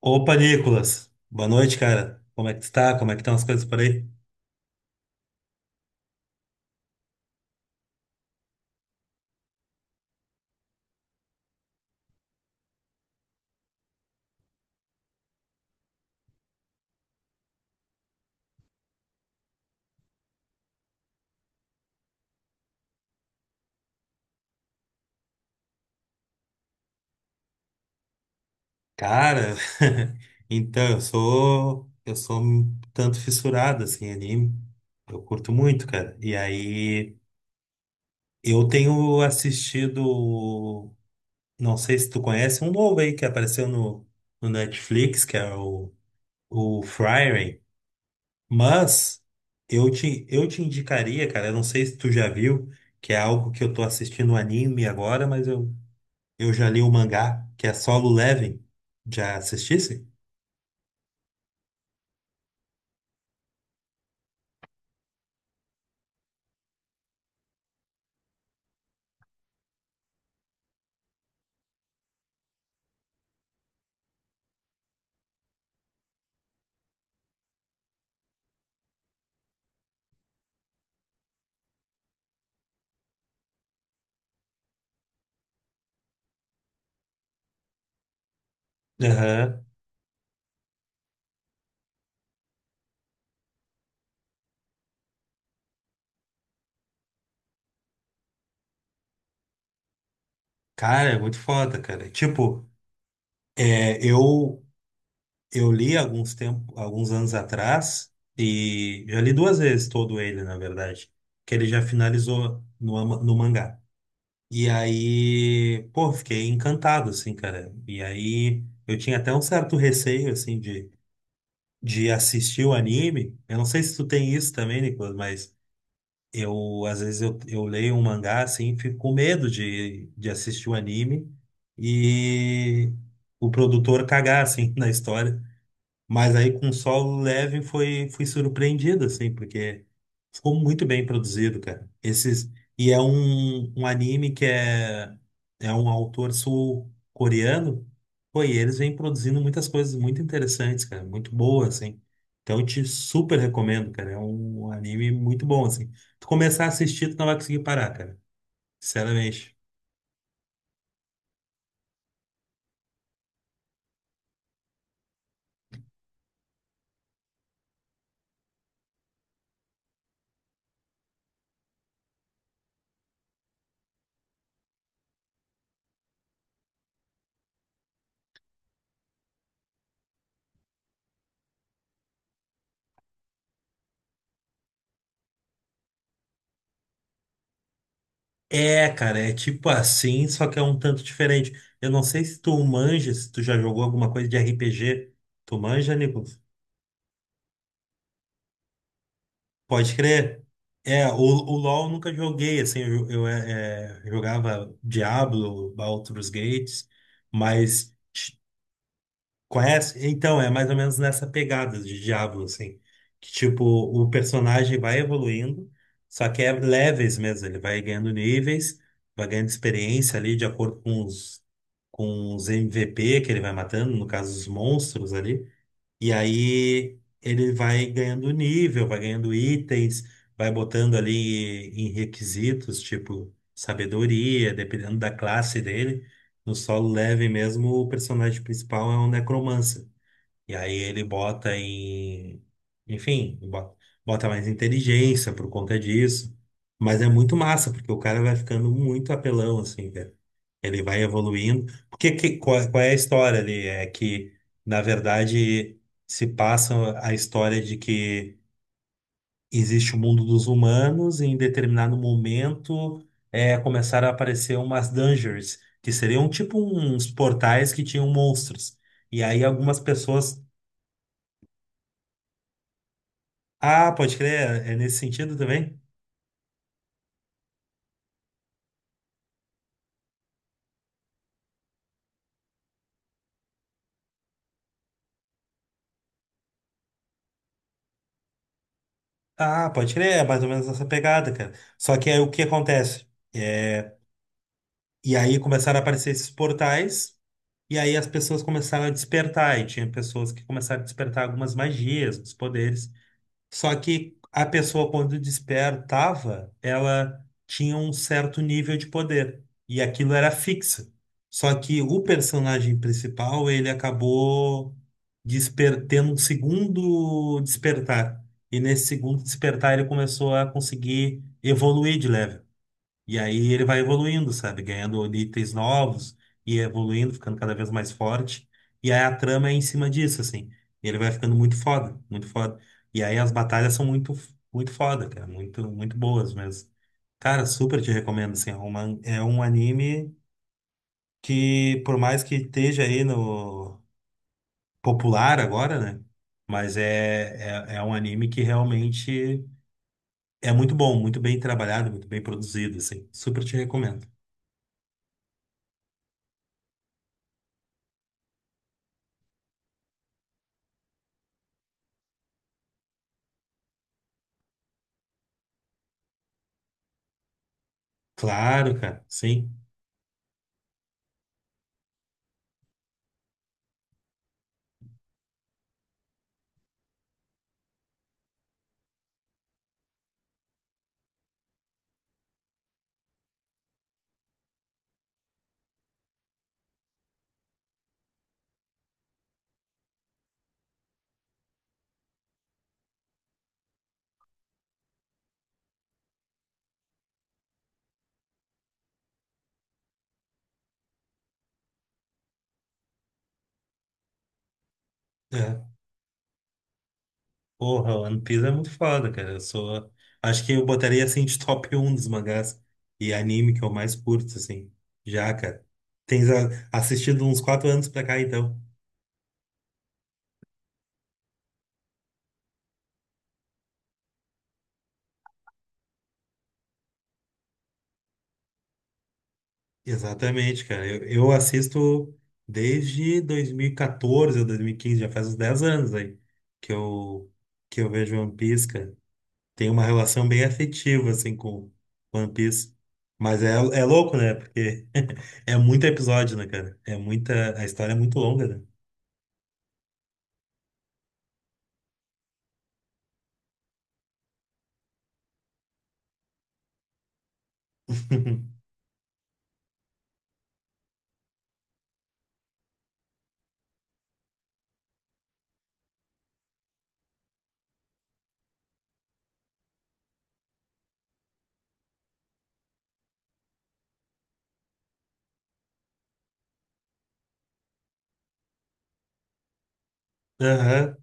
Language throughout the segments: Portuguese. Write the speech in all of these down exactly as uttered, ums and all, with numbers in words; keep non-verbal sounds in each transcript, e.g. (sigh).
Opa, Nicolas. Boa noite, cara. Como é que tu tá? Como é que estão as coisas por aí? Cara, (laughs) então, eu sou eu sou um tanto fissurado assim em anime. Eu curto muito, cara. E aí eu tenho assistido, não sei se tu conhece, um novo aí que apareceu no, no Netflix, que é o o Frieren, mas eu te eu te indicaria, cara, eu não sei se tu já viu, que é algo que eu tô assistindo um anime agora, mas eu Eu já li o mangá, que é Solo Leveling. Já assistisse? Aham. Cara, é muito foda, cara. Tipo, é, eu eu li alguns tempo, alguns anos atrás e já li duas vezes todo ele, na verdade, que ele já finalizou no, ama- no mangá. E aí, pô, fiquei encantado, assim, cara. E aí, eu tinha até um certo receio, assim, de, de assistir o anime. Eu não sei se tu tem isso também, Nicolas, mas eu, às vezes, eu, eu leio um mangá, assim, fico com medo de, de assistir o anime e o produtor cagar, assim, (laughs) na história. Mas aí com solo leve foi fui surpreendido assim, porque ficou muito bem produzido, cara. Esses e é um, um anime que é é um autor sul-coreano. Pô, e eles vêm produzindo muitas coisas muito interessantes, cara, muito boas assim. Então eu te super recomendo, cara. É um anime muito bom assim. Tu começar a assistir, tu não vai conseguir parar, cara. Sinceramente. É, cara, é tipo assim, só que é um tanto diferente. Eu não sei se tu manja, se tu já jogou alguma coisa de R P G. Tu manja, Nicolas? Pode crer. É, o, o LoL eu nunca joguei, assim, eu, eu, é, é, jogava Diablo, Baldur's Gates, mas conhece? Então, é mais ou menos nessa pegada de Diablo, assim. Que, tipo, o personagem vai evoluindo, só que é levels mesmo. Ele vai ganhando níveis, vai ganhando experiência ali, de acordo com os, com os M V P que ele vai matando, no caso, os monstros ali. E aí ele vai ganhando nível, vai ganhando itens, vai botando ali em requisitos, tipo sabedoria, dependendo da classe dele. No solo leve mesmo, o personagem principal é um necromancer. E aí ele bota em. Enfim, bota, bota mais inteligência por conta disso. Mas é muito massa, porque o cara vai ficando muito apelão, assim, cara. Ele vai evoluindo. Porque que, qual, qual é a história ali? É que, na verdade, se passa a história de que existe o mundo dos humanos e em determinado momento é, começaram a aparecer umas dungeons, que seriam tipo uns portais que tinham monstros. E aí algumas pessoas... Ah, pode crer, é nesse sentido também? Ah, pode crer, é mais ou menos essa pegada, cara. Só que aí o que acontece? É, e aí começaram a aparecer esses portais, e aí as pessoas começaram a despertar, e tinha pessoas que começaram a despertar algumas magias, uns poderes. Só que a pessoa, quando despertava, ela tinha um certo nível de poder. E aquilo era fixo. Só que o personagem principal, ele acabou desper- tendo um segundo despertar. E nesse segundo despertar, ele começou a conseguir evoluir de level. E aí ele vai evoluindo, sabe? Ganhando itens novos e evoluindo, ficando cada vez mais forte. E aí a trama é em cima disso, assim. Ele vai ficando muito foda, muito foda. E aí as batalhas são muito, muito foda, cara. Muito, muito boas mesmo. Cara, super te recomendo, assim. É uma, é um anime que, por mais que esteja aí no popular agora, né? Mas é, é, é um anime que realmente é muito bom, muito bem trabalhado, muito bem produzido, assim. Super te recomendo. Claro, cara, sim. É. Porra, One Piece é muito foda, cara. Eu sou. Acho que eu botaria assim de top um dos mangás e anime que eu mais curto, assim. Já, cara. Tens a- assistido uns quatro anos pra cá, então. Exatamente, cara. Eu, eu assisto desde dois mil e quatorze ou dois mil e quinze, já faz uns dez anos aí que eu, que eu vejo One Piece, tem uma relação bem afetiva, assim, com One Piece. Mas é, é louco, né? Porque (laughs) é muito episódio, né, cara? É muita. A história é muito longa, né? (laughs) Aham.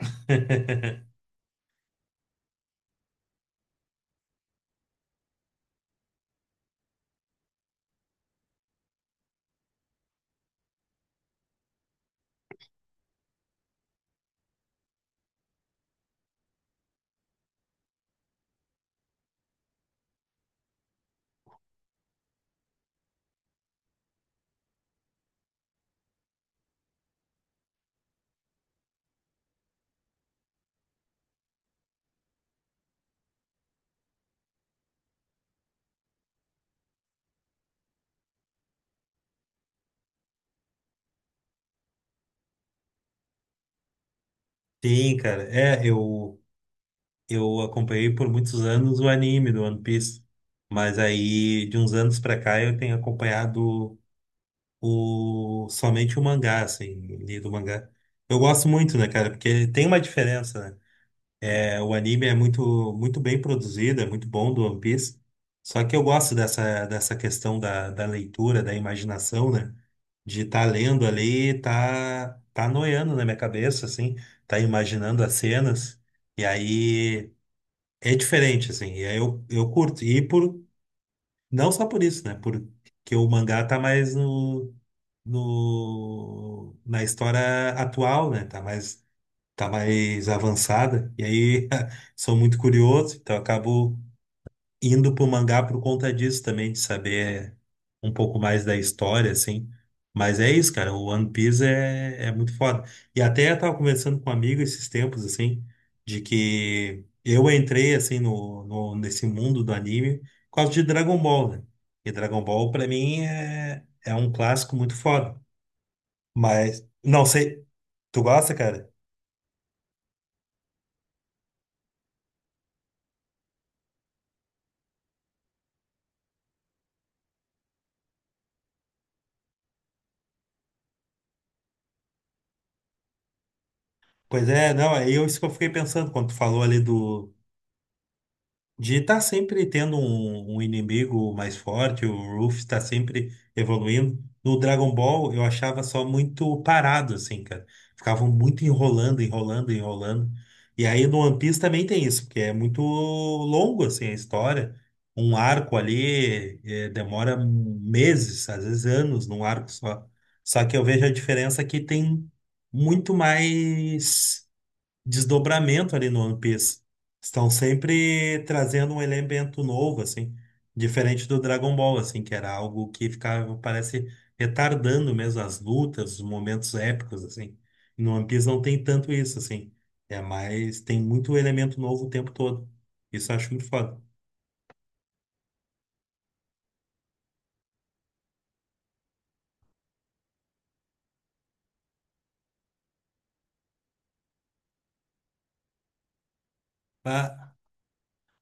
(laughs) Sim, cara. É, eu, eu acompanhei por muitos anos o anime do One Piece. Mas aí, de uns anos pra cá, eu tenho acompanhado o, somente o mangá, assim, lido o mangá. Eu gosto muito, né, cara? Porque tem uma diferença, né? É, o anime é muito, muito bem produzido, é muito bom do One Piece. Só que eu gosto dessa, dessa questão da, da leitura, da imaginação, né? De estar lendo ali, tá, tá noiando na minha cabeça, assim, tá imaginando as cenas. E aí é diferente, assim, e aí eu, eu curto. E por, não só por isso, né? Porque o mangá tá mais no, no, na história atual, né? Tá mais tá mais avançada, e aí (laughs) sou muito curioso, então acabo indo pro mangá por conta disso também, de saber um pouco mais da história, assim. Mas é isso, cara, o One Piece é, é muito foda. E até eu tava conversando com um amigo esses tempos, assim, de que eu entrei, assim, no, no, nesse mundo do anime por causa de Dragon Ball, né? E Dragon Ball, pra mim, é, é um clássico muito foda. Mas, não sei, tu gosta, cara? Pois é, não, aí eu, isso que eu fiquei pensando quando tu falou ali do. De estar sempre tendo um, um inimigo mais forte, o Ruff está sempre evoluindo. No Dragon Ball eu achava só muito parado, assim, cara. Ficavam muito enrolando, enrolando, enrolando. E aí no One Piece também tem isso, porque é muito longo, assim, a história. Um arco ali eh, demora meses, às vezes anos, num arco só. Só que eu vejo a diferença que tem muito mais desdobramento ali no One Piece. Estão sempre trazendo um elemento novo, assim, diferente do Dragon Ball, assim, que era algo que ficava, parece, retardando mesmo as lutas, os momentos épicos, assim. E no One Piece não tem tanto isso, assim. É mais, tem muito elemento novo o tempo todo. Isso eu acho muito foda. Ah,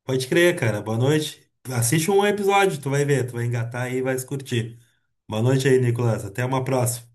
pode crer, cara. Boa noite. Assiste um episódio, tu vai ver, tu vai engatar aí e vai se curtir. Boa noite aí, Nicolas. Até uma próxima.